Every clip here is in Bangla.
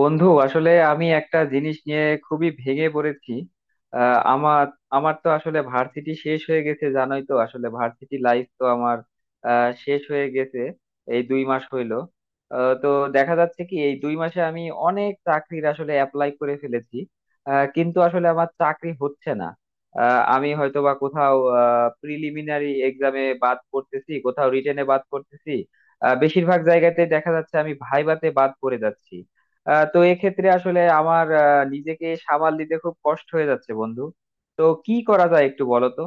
বন্ধু আসলে আমি একটা জিনিস নিয়ে খুবই ভেঙে পড়েছি। আমার আমার তো আসলে ভার্সিটি শেষ হয়ে গেছে, জানোই তো, আসলে ভার্সিটি লাইফ তো আমার শেষ হয়ে গেছে, এই 2 মাস হইলো। তো দেখা যাচ্ছে কি এই 2 মাসে আমি অনেক চাকরির আসলে অ্যাপ্লাই করে ফেলেছি। কিন্তু আসলে আমার চাকরি হচ্ছে না। আমি হয়তো বা কোথাও প্রিলিমিনারি এক্সামে বাদ পড়তেছি, কোথাও রিটেনে বাদ পড়তেছি। বেশিরভাগ জায়গাতে দেখা যাচ্ছে আমি ভাইভাতে বাদ পড়ে যাচ্ছি। তো এক্ষেত্রে আসলে আমার নিজেকে সামাল দিতে খুব কষ্ট হয়ে যাচ্ছে বন্ধু। তো কি করা যায় একটু বলো তো।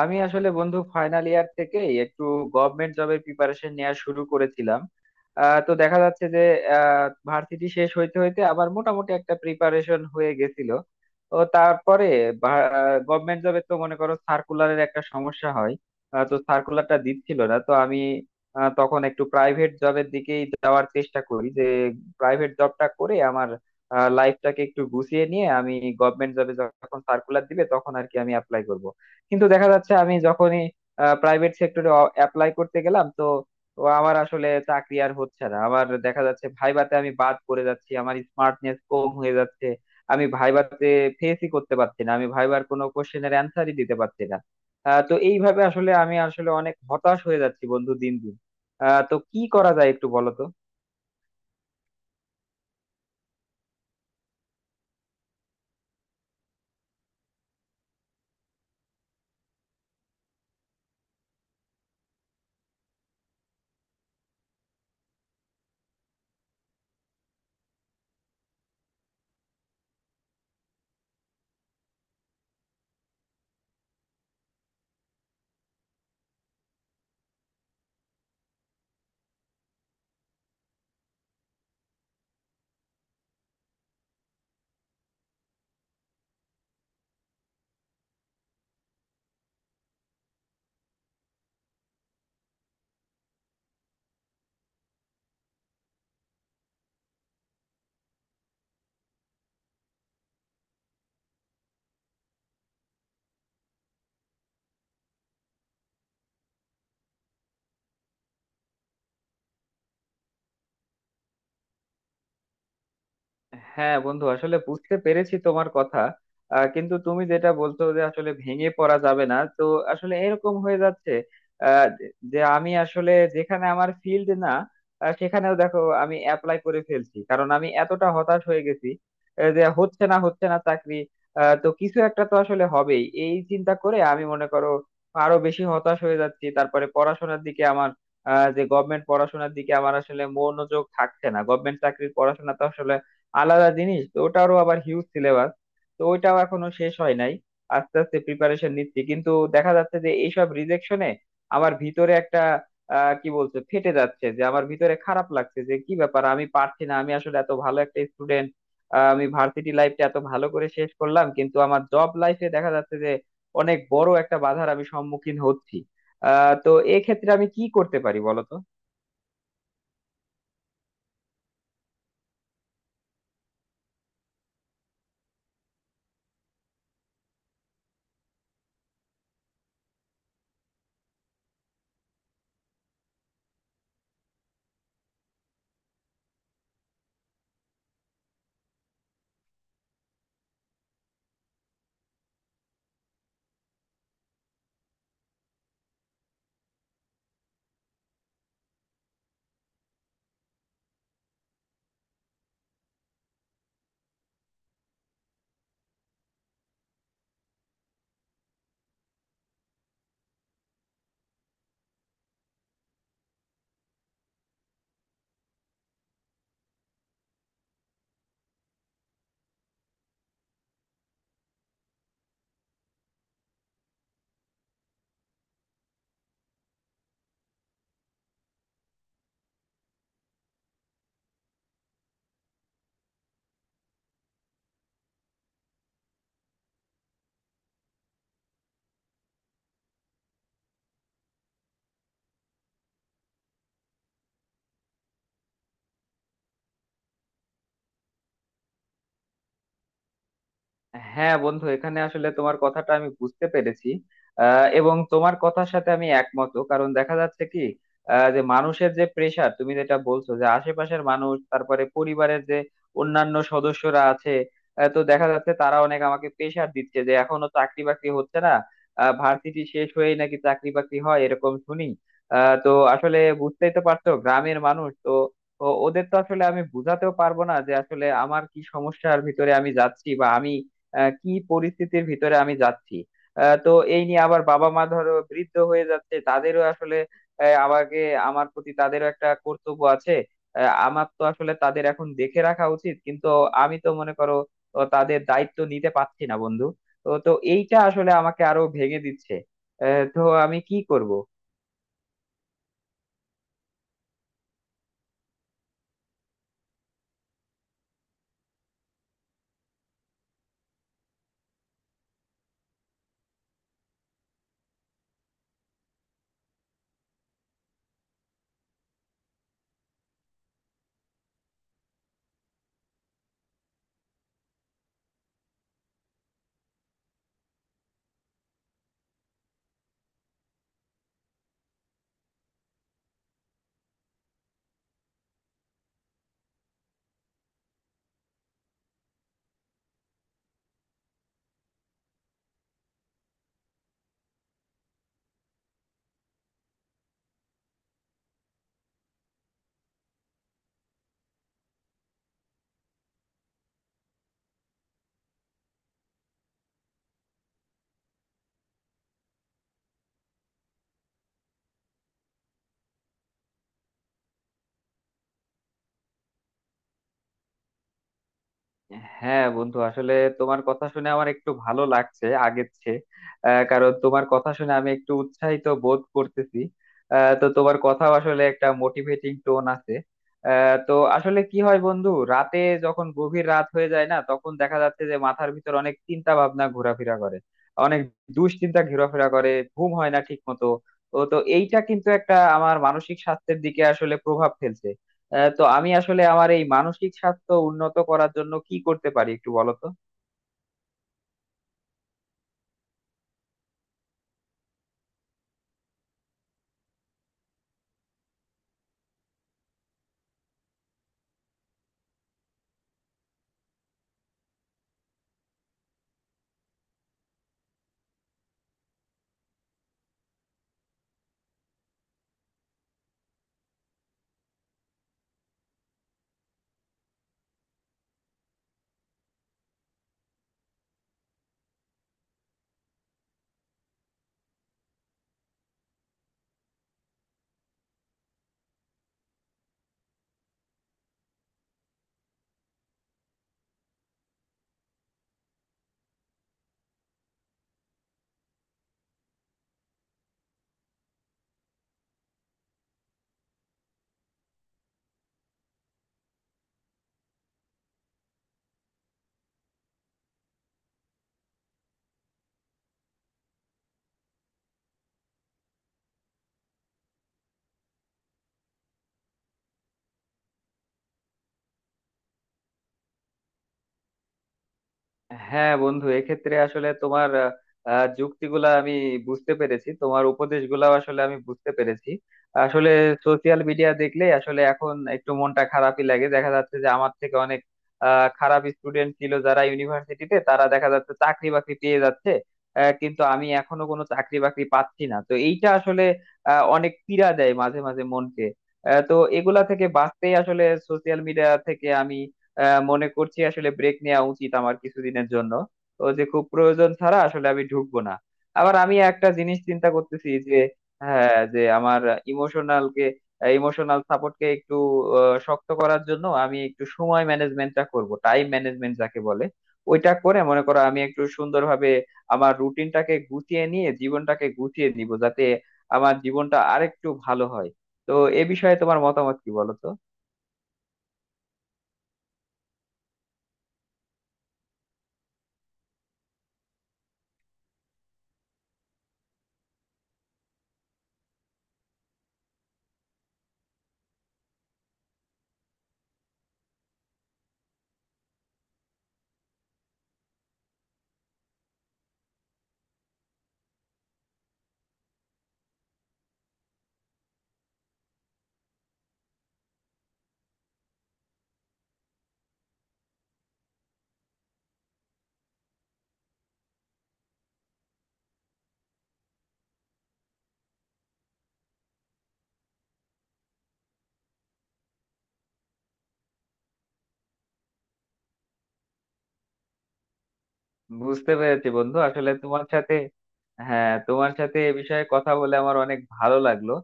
আমি আসলে বন্ধু ফাইনাল ইয়ার থেকেই একটু গভর্নমেন্ট জবের প্রিপারেশন নেওয়া শুরু করেছিলাম। তো দেখা যাচ্ছে যে ভার্সিটি শেষ হইতে হইতে আবার মোটামুটি একটা প্রিপারেশন হয়ে গেছিল। তো তারপরে গভর্নমেন্ট জবে তো মনে করো সার্কুলারের একটা সমস্যা হয়। তো সার্কুলারটা দিচ্ছিল না, তো আমি তখন একটু প্রাইভেট জবের দিকেই যাওয়ার চেষ্টা করি, যে প্রাইভেট জবটা করে আমার লাইফটাকে একটু গুছিয়ে নিয়ে আমি গভর্নমেন্ট জবে যখন সার্কুলার দিবে তখন আর কি আমি অ্যাপ্লাই করব। কিন্তু দেখা যাচ্ছে আমি যখনই প্রাইভেট সেক্টরে অ্যাপ্লাই করতে গেলাম, তো তো আমার আসলে চাকরি আর হচ্ছে না, আমার দেখা যাচ্ছে ভাইভাতে আমি বাদ পড়ে যাচ্ছি, আমার স্মার্টনেস কম হয়ে যাচ্ছে। আমি ভাইভাতে ফেসই করতে পারছি না, আমি ভাইবার কোনো কোশ্চেনের অ্যান্সারই দিতে পারছি না। তো এইভাবে আসলে আমি আসলে অনেক হতাশ হয়ে যাচ্ছি বন্ধু দিন দিন। তো কি করা যায় একটু বলো তো। হ্যাঁ বন্ধু, আসলে বুঝতে পেরেছি তোমার কথা। কিন্তু তুমি যেটা বলছো যে আসলে ভেঙে পড়া যাবে না, তো আসলে এরকম হয়ে যাচ্ছে আহ, যে যে আমি আসলে যেখানে আমার ফিল্ড না, সেখানেও দেখো আমি অ্যাপ্লাই করে ফেলছি, কারণ আমি এতটা হতাশ হয়ে গেছি যে হচ্ছে না হচ্ছে না চাকরি। তো কিছু একটা তো আসলে হবেই, এই চিন্তা করে আমি মনে করো আরো বেশি হতাশ হয়ে যাচ্ছি। তারপরে পড়াশোনার দিকে আমার যে গভর্নমেন্ট পড়াশোনার দিকে আমার আসলে মনোযোগ থাকছে না। গভর্নমেন্ট চাকরির পড়াশোনা তো আসলে আলাদা জিনিস, তো ওটারও আবার হিউজ সিলেবাস, তো ওইটাও এখনো শেষ হয় নাই। আস্তে আস্তে প্রিপারেশন নিচ্ছি, কিন্তু দেখা যাচ্ছে যে এইসব রিজেকশনে আমার ভিতরে একটা আহ কি বলছে ফেটে যাচ্ছে, যে আমার ভিতরে খারাপ লাগছে যে কি ব্যাপার আমি পারছি না। আমি আসলে এত ভালো একটা স্টুডেন্ট, আমি ভার্সিটি লাইফটা এত ভালো করে শেষ করলাম, কিন্তু আমার জব লাইফে দেখা যাচ্ছে যে অনেক বড় একটা বাধার আমি সম্মুখীন হচ্ছি। আহ তো এক্ষেত্রে আমি কি করতে পারি বলো তো। হ্যাঁ বন্ধু, এখানে আসলে তোমার কথাটা আমি বুঝতে পেরেছি। এবং তোমার কথার সাথে আমি একমত, কারণ দেখা যাচ্ছে কি যে মানুষের যে প্রেসার তুমি যেটা বলছো যে আশেপাশের মানুষ, তারপরে পরিবারের যে অন্যান্য সদস্যরা আছে, তো দেখা যাচ্ছে তারা অনেক আমাকে প্রেসার দিচ্ছে যে এখনো চাকরি বাকরি হচ্ছে না, ভার্সিটি শেষ হয়েই নাকি চাকরি বাকরি হয় এরকম শুনি। তো আসলে বুঝতেই তো পারছো গ্রামের মানুষ তো ওদের তো আসলে আমি বুঝাতেও পারবো না যে আসলে আমার কি সমস্যার ভিতরে আমি যাচ্ছি, বা আমি কি পরিস্থিতির ভিতরে আমি যাচ্ছি। তো এই নিয়ে আবার বাবা মা ধরো বৃদ্ধ হয়ে যাচ্ছে, তাদেরও আসলে আমাকে, আমার প্রতি তাদেরও একটা কর্তব্য আছে। আমার তো আসলে তাদের এখন দেখে রাখা উচিত, কিন্তু আমি তো মনে করো তাদের দায়িত্ব নিতে পারছি না বন্ধু। তো তো এইটা আসলে আমাকে আরো ভেঙে দিচ্ছে। তো আমি কি করব। হ্যাঁ বন্ধু, আসলে তোমার কথা শুনে আমার একটু ভালো লাগছে আগের চেয়ে। কারণ তোমার কথা শুনে আমি একটু উৎসাহিত বোধ করতেছি। তো তোমার কথা আসলে একটা মোটিভেটিং টোন আছে। তো আসলে কি হয় বন্ধু, রাতে যখন গভীর রাত হয়ে যায় না, তখন দেখা যাচ্ছে যে মাথার ভিতর অনেক চিন্তা ভাবনা ঘোরাফেরা করে, অনেক দুশ্চিন্তা ঘোরাফেরা করে, ঘুম হয় না ঠিক মতো। ও তো এইটা কিন্তু একটা আমার মানসিক স্বাস্থ্যের দিকে আসলে প্রভাব ফেলছে। তো আমি আসলে আমার এই মানসিক স্বাস্থ্য উন্নত করার জন্য কি করতে পারি একটু বলো তো। হ্যাঁ বন্ধু, এক্ষেত্রে আসলে তোমার আহ, আহ, যুক্তিগুলা আমি বুঝতে পেরেছি, তোমার উপদেশগুলা আসলে আমি বুঝতে পেরেছি। আসলে সোশিয়াল মিডিয়া দেখলে আসলে এখন একটু মনটা খারাপই লাগে, দেখা যাচ্ছে যে আমার থেকে অনেক খারাপ স্টুডেন্ট ছিল যারা ইউনিভার্সিটিতে, তারা দেখা যাচ্ছে চাকরি বাকরি পেয়ে যাচ্ছে। কিন্তু আমি এখনো কোনো চাকরি বাকরি পাচ্ছি না, তো এইটা আসলে অনেক পীড়া দেয় মাঝে মাঝে মনকে। তো এগুলা থেকে বাঁচতেই আসলে সোশিয়াল মিডিয়া থেকে আমি মনে করছি আসলে ব্রেক নেওয়া উচিত আমার কিছুদিনের জন্য। তো যে খুব প্রয়োজন ছাড়া আসলে আমি ঢুকবো না। আবার আমি একটা জিনিস চিন্তা করতেছি যে, হ্যাঁ, যে আমার ইমোশনাল কে ইমোশনাল সাপোর্ট কে একটু শক্ত করার জন্য আমি একটু সময় ম্যানেজমেন্টটা করব, টাইম ম্যানেজমেন্ট যাকে বলে, ওইটা করে মনে করো আমি একটু সুন্দরভাবে আমার রুটিনটাকে গুছিয়ে নিয়ে জীবনটাকে গুছিয়ে দিব যাতে আমার জীবনটা আরেকটু ভালো হয়। তো এ বিষয়ে তোমার মতামত কি বলো তো। বুঝতে পেরেছি বন্ধু, আসলে তোমার সাথে হ্যাঁ তোমার সাথে এ বিষয়ে কথা বলে আমার অনেক ভালো লাগলো।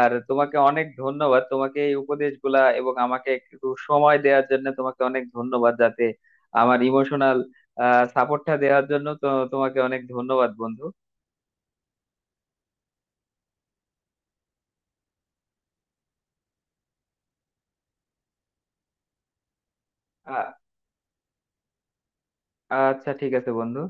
আর তোমাকে অনেক ধন্যবাদ, তোমাকে এই উপদেশগুলা এবং আমাকে একটু সময় দেওয়ার জন্য তোমাকে অনেক ধন্যবাদ, যাতে আমার ইমোশনাল সাপোর্টটা দেওয়ার জন্য, তো তোমাকে অনেক ধন্যবাদ বন্ধু। আ- আচ্ছা, ঠিক আছে বন্ধু।